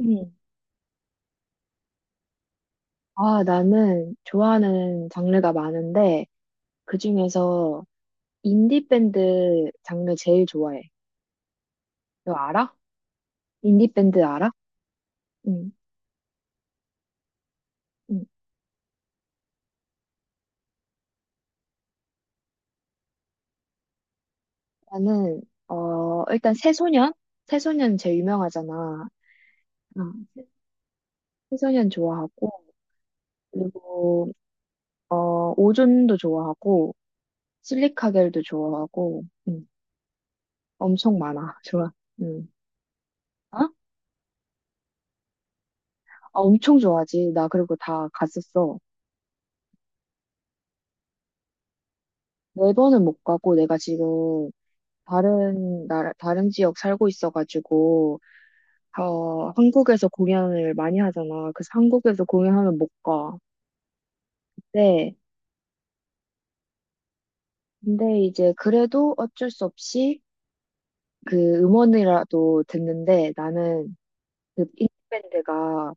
음. 아, 나는 좋아하는 장르가 많은데, 그중에서 인디밴드 장르 제일 좋아해. 너 알아? 인디밴드 알아? 응, 응. 나는, 일단 새소년? 새소년 제일 유명하잖아. 응. 새소년 좋아하고, 그리고, 오존도 좋아하고, 실리카겔도 좋아하고, 응. 엄청 많아. 좋아. 응. 어? 아, 엄청 좋아하지. 나 그리고 다 갔었어. 네 번은 못 가고, 내가 지금, 다른 나라, 다른 지역 살고 있어가지고, 한국에서 공연을 많이 하잖아. 그래서 한국에서 공연하면 못 가. 근데, 근데 이제 그래도 어쩔 수 없이 그 음원이라도 듣는데 나는 그 빅밴드가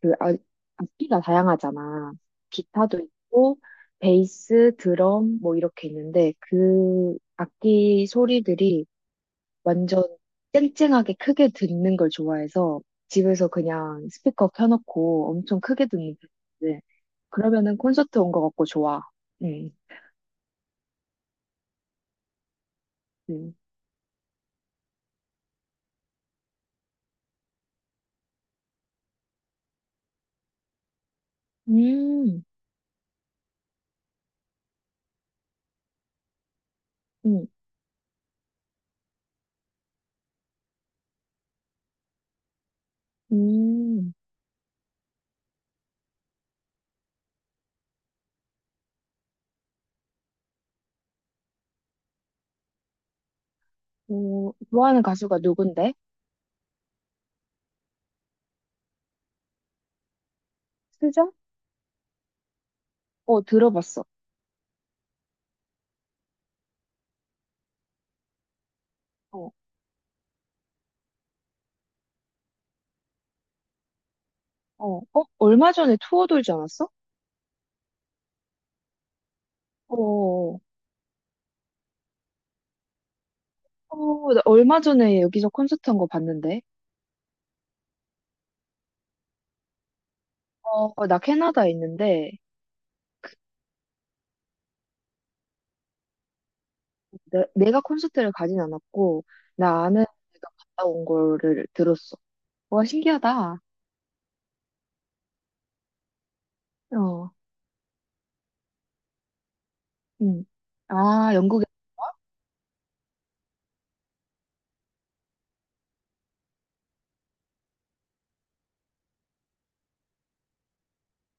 그 아- 악기가 다양하잖아. 기타도 있고, 베이스, 드럼, 뭐 이렇게 있는데 그 악기 소리들이 완전 쨍쨍하게 크게 듣는 걸 좋아해서 집에서 그냥 스피커 켜놓고 엄청 크게 듣는 편인데 그러면은 콘서트 온 것 같고 좋아. 응, 응. 음, 음, 음. 어, 좋아하는 가수가 누군데? 수정? 어, 들어봤어. 어, 어, 어, 얼마 전에 투어 돌지 않았어? 어, 어, 나 얼마 전에 여기서 콘서트 한 거 봤는데. 어, 나 캐나다에 있는데 내가 콘서트를 가진 않았고 나 아는 애가 갔다 온 거를 들었어. 와 신기하다. 어, 응. 아 영국에.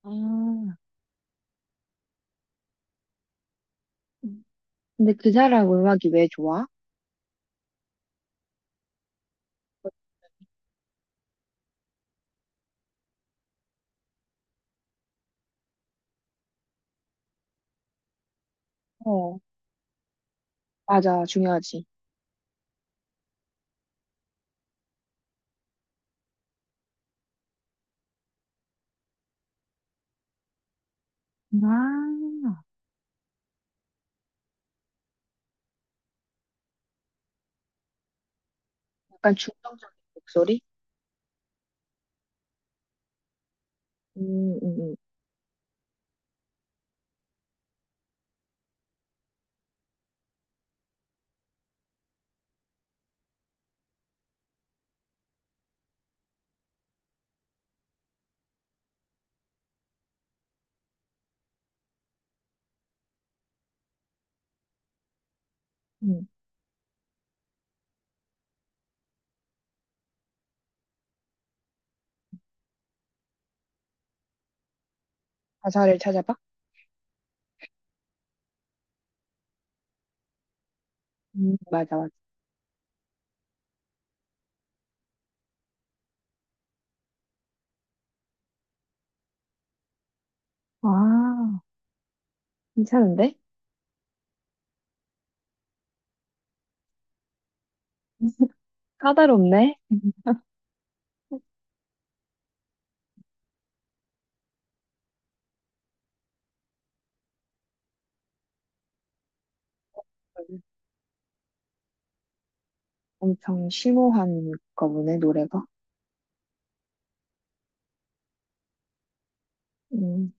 아, 근데 그 사람 음악이 왜 좋아? 어, 맞아 중요하지. 아, 약간 중성적인 목소리? 음, 음, 음, 음. 가사를 찾아봐. 맞아, 맞아. 와, 괜찮은데? 까다롭네. 엄청 심오한가 보네, 노래가. 음.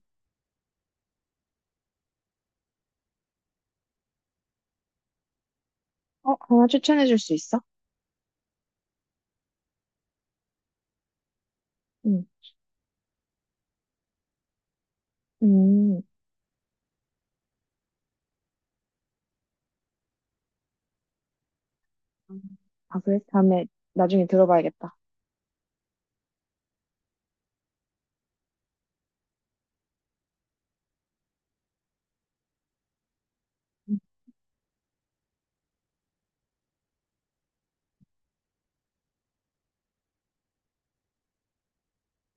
어, 하나 추천해 줄 수 있어? 음. 음. 아, 그래? 다음에 나중에 들어봐야겠다.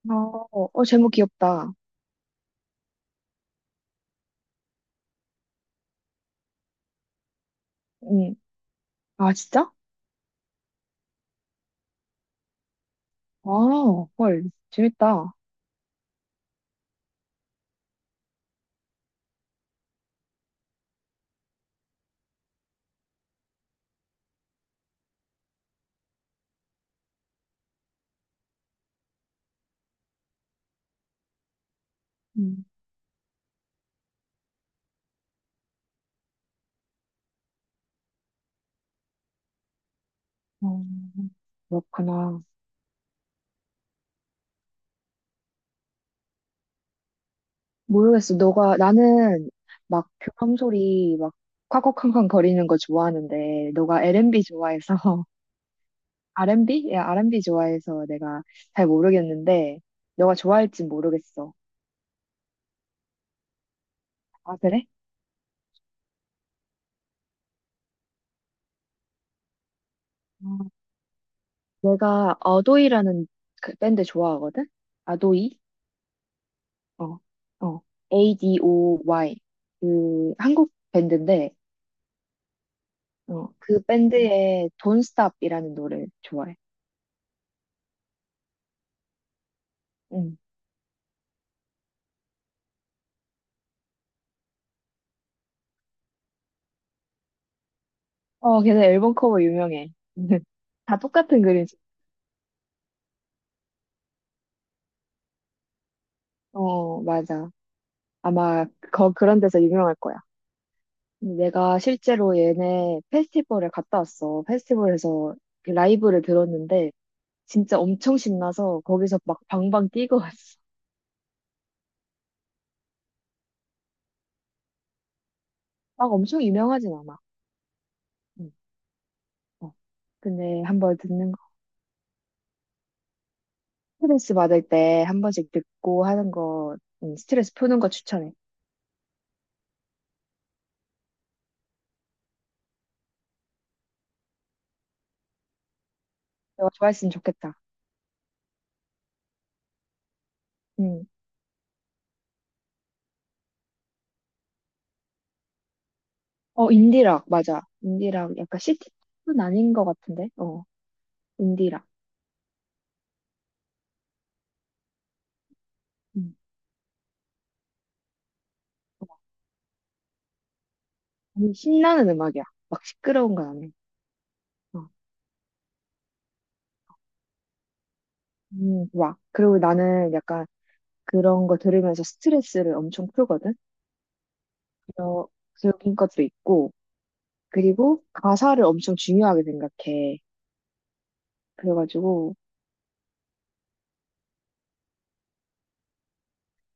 어, 어, 제목 귀엽다. 응. 아, 진짜? 아, 헐. 재밌다. 음. 어, 그렇구나. 모르겠어. 너가, 나는 막 교감 소리 막 콱콱콱콱 거리는 거 좋아하는데, 너가 R&B 좋아해서, R&B? 야, R&B 좋아해서 내가 잘 모르겠는데, 너가 좋아할진 모르겠어. 아, 그래? 어, 내가 아도이라는 그 밴드 좋아하거든? 아도이? 어, 어, ADOY. 그, 한국 밴드인데, 어. 그 밴드의 Don't Stop이라는 노래 좋아해. 응. 어, 걔네 앨범 커버 유명해. 다 똑같은 그림자. 어, 맞아. 아마 그런 데서 유명할 거야. 내가 실제로 얘네 페스티벌에 갔다 왔어. 페스티벌에서 그 라이브를 들었는데 진짜 엄청 신나서 거기서 막 방방 뛰고 왔어. 막 엄청 유명하진 않아. 응. 어. 근데 한번 듣는 스트레스 받을 때 한 번씩 듣고 하는 거, 스트레스 푸는 거 추천해. 내가 좋아했으면 좋겠다. 음. 어, 인디락, 맞아. 인디락, 약간 시티팝은 아닌 것 같은데? 어, 인디락. 음. 신나는 음악이야. 막 시끄러운 건 아니야. 어. 좋아. 그리고 나는 약간 그런 거 들으면서 스트레스를 엄청 풀거든? 그런, 그런 것도 있고, 그리고 가사를 엄청 중요하게 생각해. 그래가지고,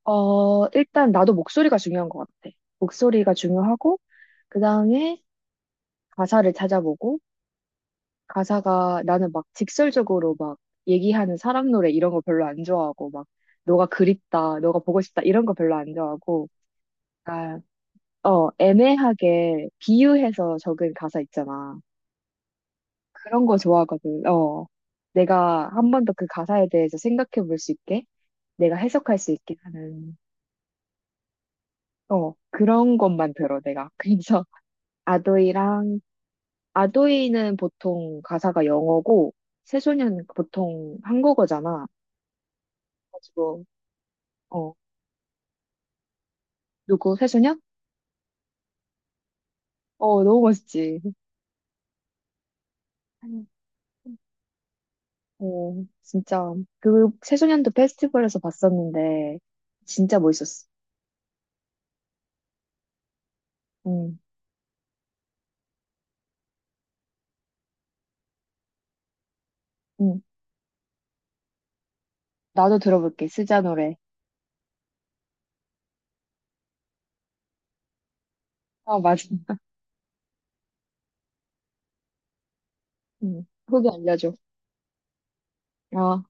일단 나도 목소리가 중요한 것 같아. 목소리가 중요하고, 그 다음에 가사를 찾아보고, 가사가 나는 막 직설적으로 막 얘기하는 사람 노래 이런 거 별로 안 좋아하고, 막 너가 그립다, 너가 보고 싶다 이런 거 별로 안 좋아하고, 아, 애매하게 비유해서 적은 가사 있잖아. 그런 거 좋아하거든. 어. 내가 한 번 더 그 가사에 대해서 생각해 볼 수 있게, 내가 해석할 수 있게 하는, 어, 그런 것만 들어, 내가. 그래서 아도이랑 아도이는 보통 가사가 영어고 새소년 보통 한국어잖아. 그래 가지고 어 누구 새소년? 어 너무 멋있지. 어 진짜 그 새소년도 페스티벌에서 봤었는데 진짜 멋있었어. 응, 응. 나도 들어볼게 스자 노래. 아 맞아. 응. 후기 알려줘. 어.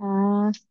아.